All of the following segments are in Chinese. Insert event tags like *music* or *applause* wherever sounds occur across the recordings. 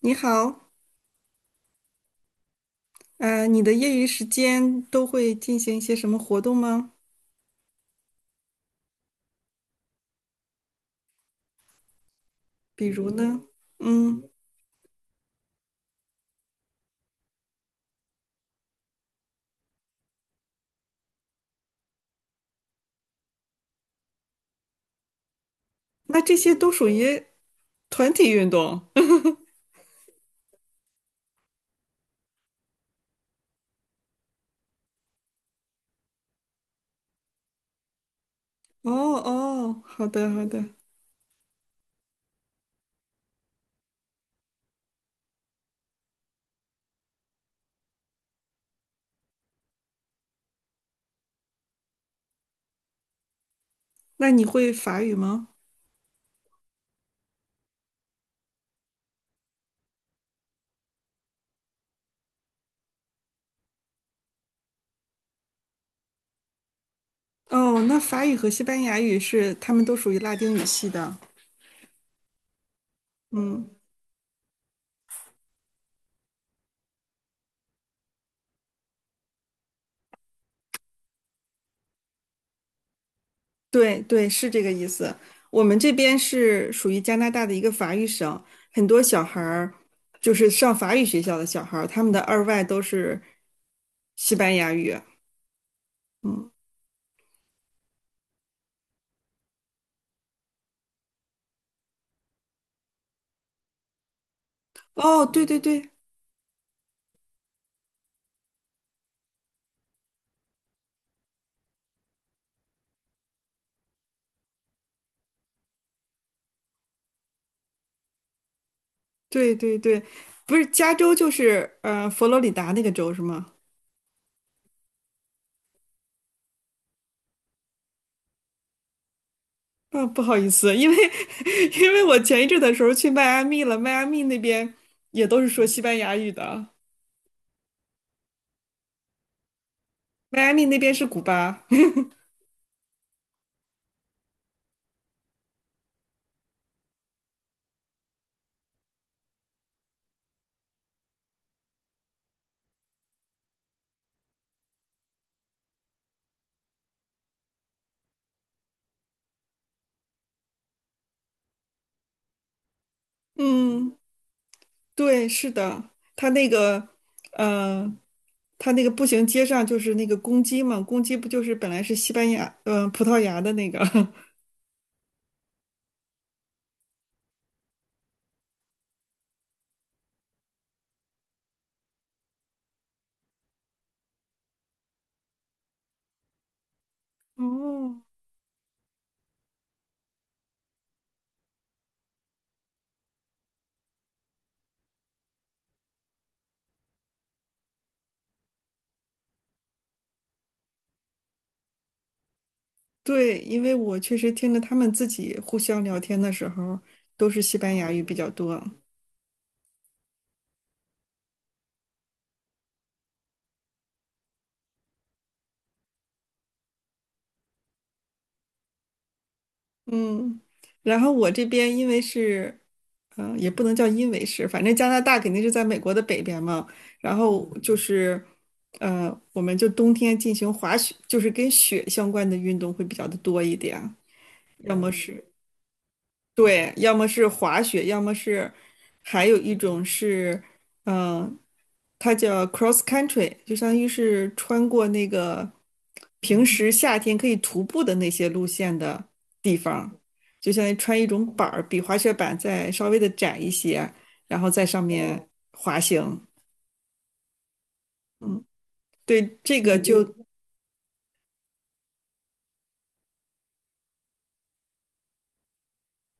你好，你的业余时间都会进行一些什么活动吗？比如呢？嗯，那这些都属于团体运动。*laughs* 哦哦，好的好的。那你会法语吗？哦，那法语和西班牙语是，他们都属于拉丁语系的。嗯，对对，是这个意思。我们这边是属于加拿大的一个法语省，很多小孩儿就是上法语学校的小孩儿，他们的二外都是西班牙语。嗯。哦，对对对对对对，不是加州就是佛罗里达那个州是吗？啊、不好意思，因为 *laughs* 因为我前一阵的时候去迈阿密了，迈阿密那边也都是说西班牙语的，迈阿密那边是古巴。*laughs* 嗯，对，是的，他那个，呃，他那个步行街上就是那个公鸡嘛，公鸡不就是本来是西班牙，嗯，葡萄牙的那个？*laughs* 哦，对，因为我确实听着他们自己互相聊天的时候，都是西班牙语比较多。嗯，然后我这边因为是，嗯、也不能叫因为是，反正加拿大肯定是在美国的北边嘛。然后就是，我们就冬天进行滑雪，就是跟雪相关的运动会比较的多一点，要么是对，要么是滑雪，要么是还有一种是，嗯、它叫 cross country，就相当于是穿过那个平时夏天可以徒步的那些路线的，就相当于穿一种板儿，比滑雪板再稍微的窄一些，然后在上面滑行。嗯，对，这个就嗯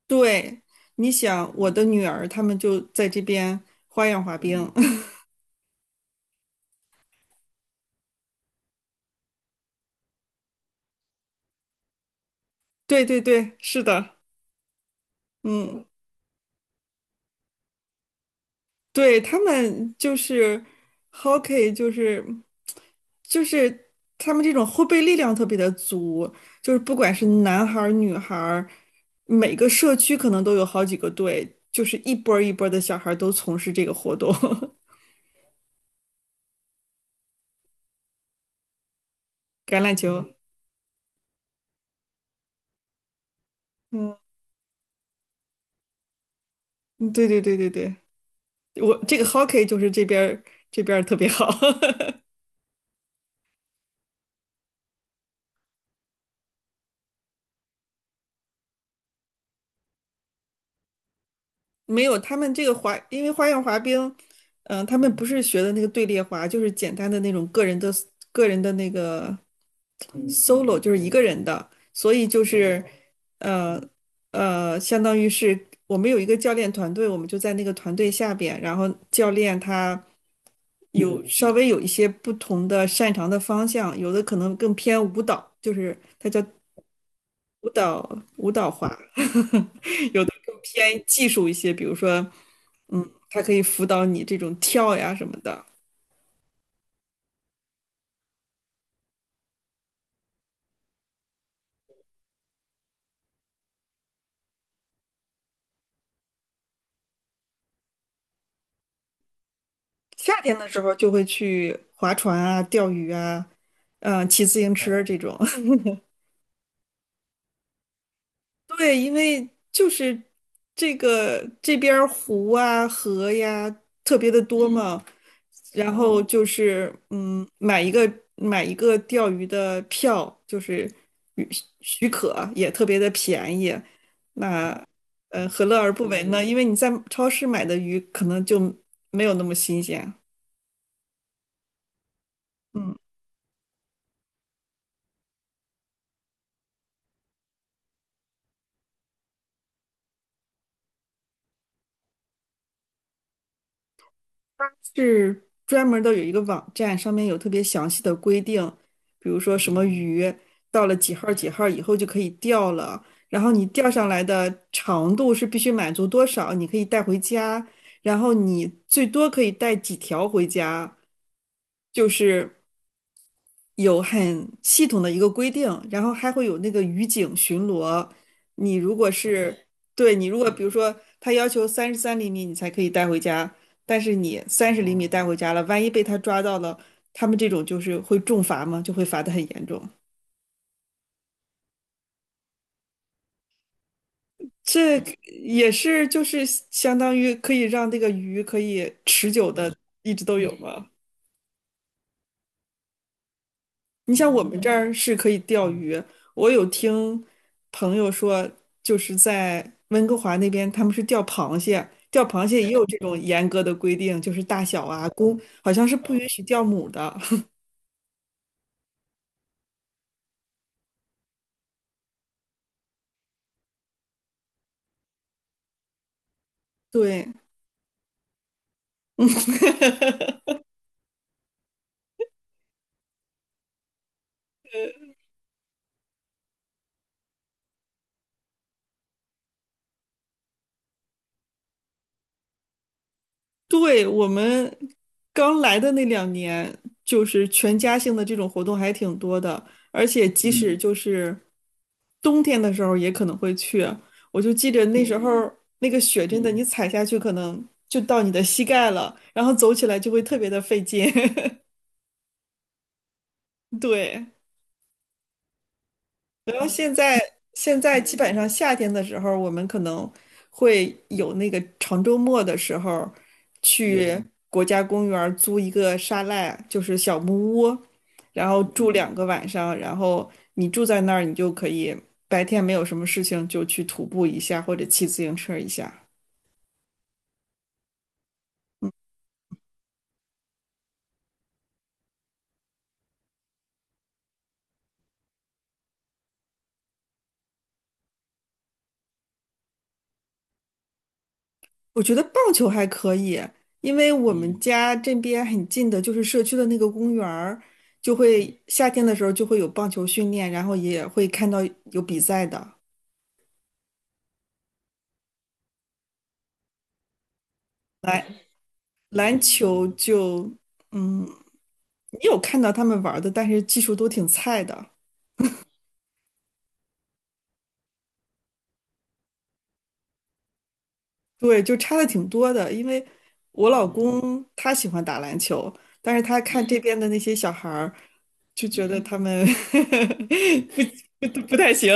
对。你想，我的女儿她们就在这边花样滑冰。*laughs* 对对对，是的，嗯。对，他们就是 hockey，就是他们这种后备力量特别的足，就是不管是男孩儿女孩儿，每个社区可能都有好几个队，就是一波儿一波儿的小孩儿都从事这个活动，*laughs* 橄榄球。嗯，嗯对对对对对，我这个 hockey 就是这边儿特别好。*laughs* 没有，他们这个滑，因为花样滑冰，嗯、他们不是学的那个队列滑，就是简单的那种个人的那个 solo，就是一个人的，所以就是，呃相当于是我们有一个教练团队，我们就在那个团队下边，然后教练他有稍微有一些不同的擅长的方向，有的可能更偏舞蹈，就是他叫舞蹈滑，偏技术一些，比如说，嗯，它可以辅导你这种跳呀什么的。夏天的时候就会去划船啊、钓鱼啊，嗯、骑自行车这种。*laughs* 对，因为就是这个这边儿湖啊、河呀特别的多嗯嘛，然后就是嗯，买一个钓鱼的票，就是许许可也特别的便宜。那何乐而不为呢？因为你在超市买的鱼可能就没有那么新鲜。嗯。是专门的有一个网站，上面有特别详细的规定，比如说什么鱼到了几号儿几号儿以后就可以钓了，然后你钓上来的长度是必须满足多少，你可以带回家，然后你最多可以带几条回家，就是。有很系统的一个规定，然后还会有那个渔警巡逻。你如果是，对，你如果比如说他要求33厘米你才可以带回家，但是你30厘米带回家了，万一被他抓到了，他们这种就是会重罚嘛，就会罚的很严重。这也是就是相当于可以让这个鱼可以持久的一直都有吗？你像我们这儿是可以钓鱼，我有听朋友说，就是在温哥华那边，他们是钓螃蟹，钓螃蟹也有这种严格的规定，就是大小啊，公好像是不允许钓母的。*laughs* 对，嗯，*laughs* 对，我们刚来的那2年，就是全家性的这种活动还挺多的，而且即使嗯就是冬天的时候也可能会去啊。我就记着那时候那个雪真的，你踩下去可能就到你的膝盖了，然后走起来就会特别的费劲。*laughs* 对，然后现在基本上夏天的时候，我们可能会有那个长周末的时候去国家公园儿租一个沙赖，就是小木屋，然后住2个晚上，然后你住在那儿，你就可以白天没有什么事情就去徒步一下或者骑自行车一下。我觉得棒球还可以，因为我们嗯家这边很近的，就是社区的那个公园儿，就会夏天的时候就会有棒球训练，然后也会看到有比赛的。篮球就，嗯，你有看到他们玩儿的，但是技术都挺菜的，对，就差的挺多的。因为我老公他喜欢打篮球，但是他看这嗯边的那些小孩儿，就觉得嗯他们 *laughs* 不太行。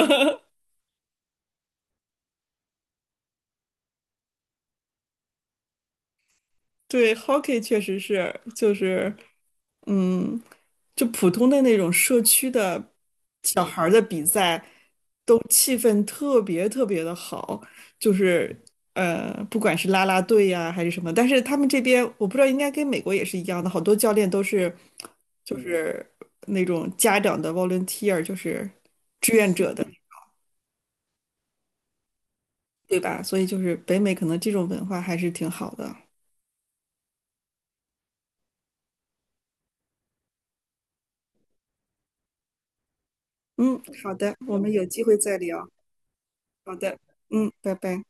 *laughs* 对，hockey 确实是，就是。嗯，就普通的那种社区的小孩儿的比赛，都气氛特别特别的好，就是不管是啦啦队呀、还是什么，但是他们这边我不知道，应该跟美国也是一样的，好多教练都是就是那种家长的 volunteer，就是志愿者的，对吧？所以就是北美可能这种文化还是挺好的。嗯，好的，我们有机会再聊。好的，嗯，拜拜。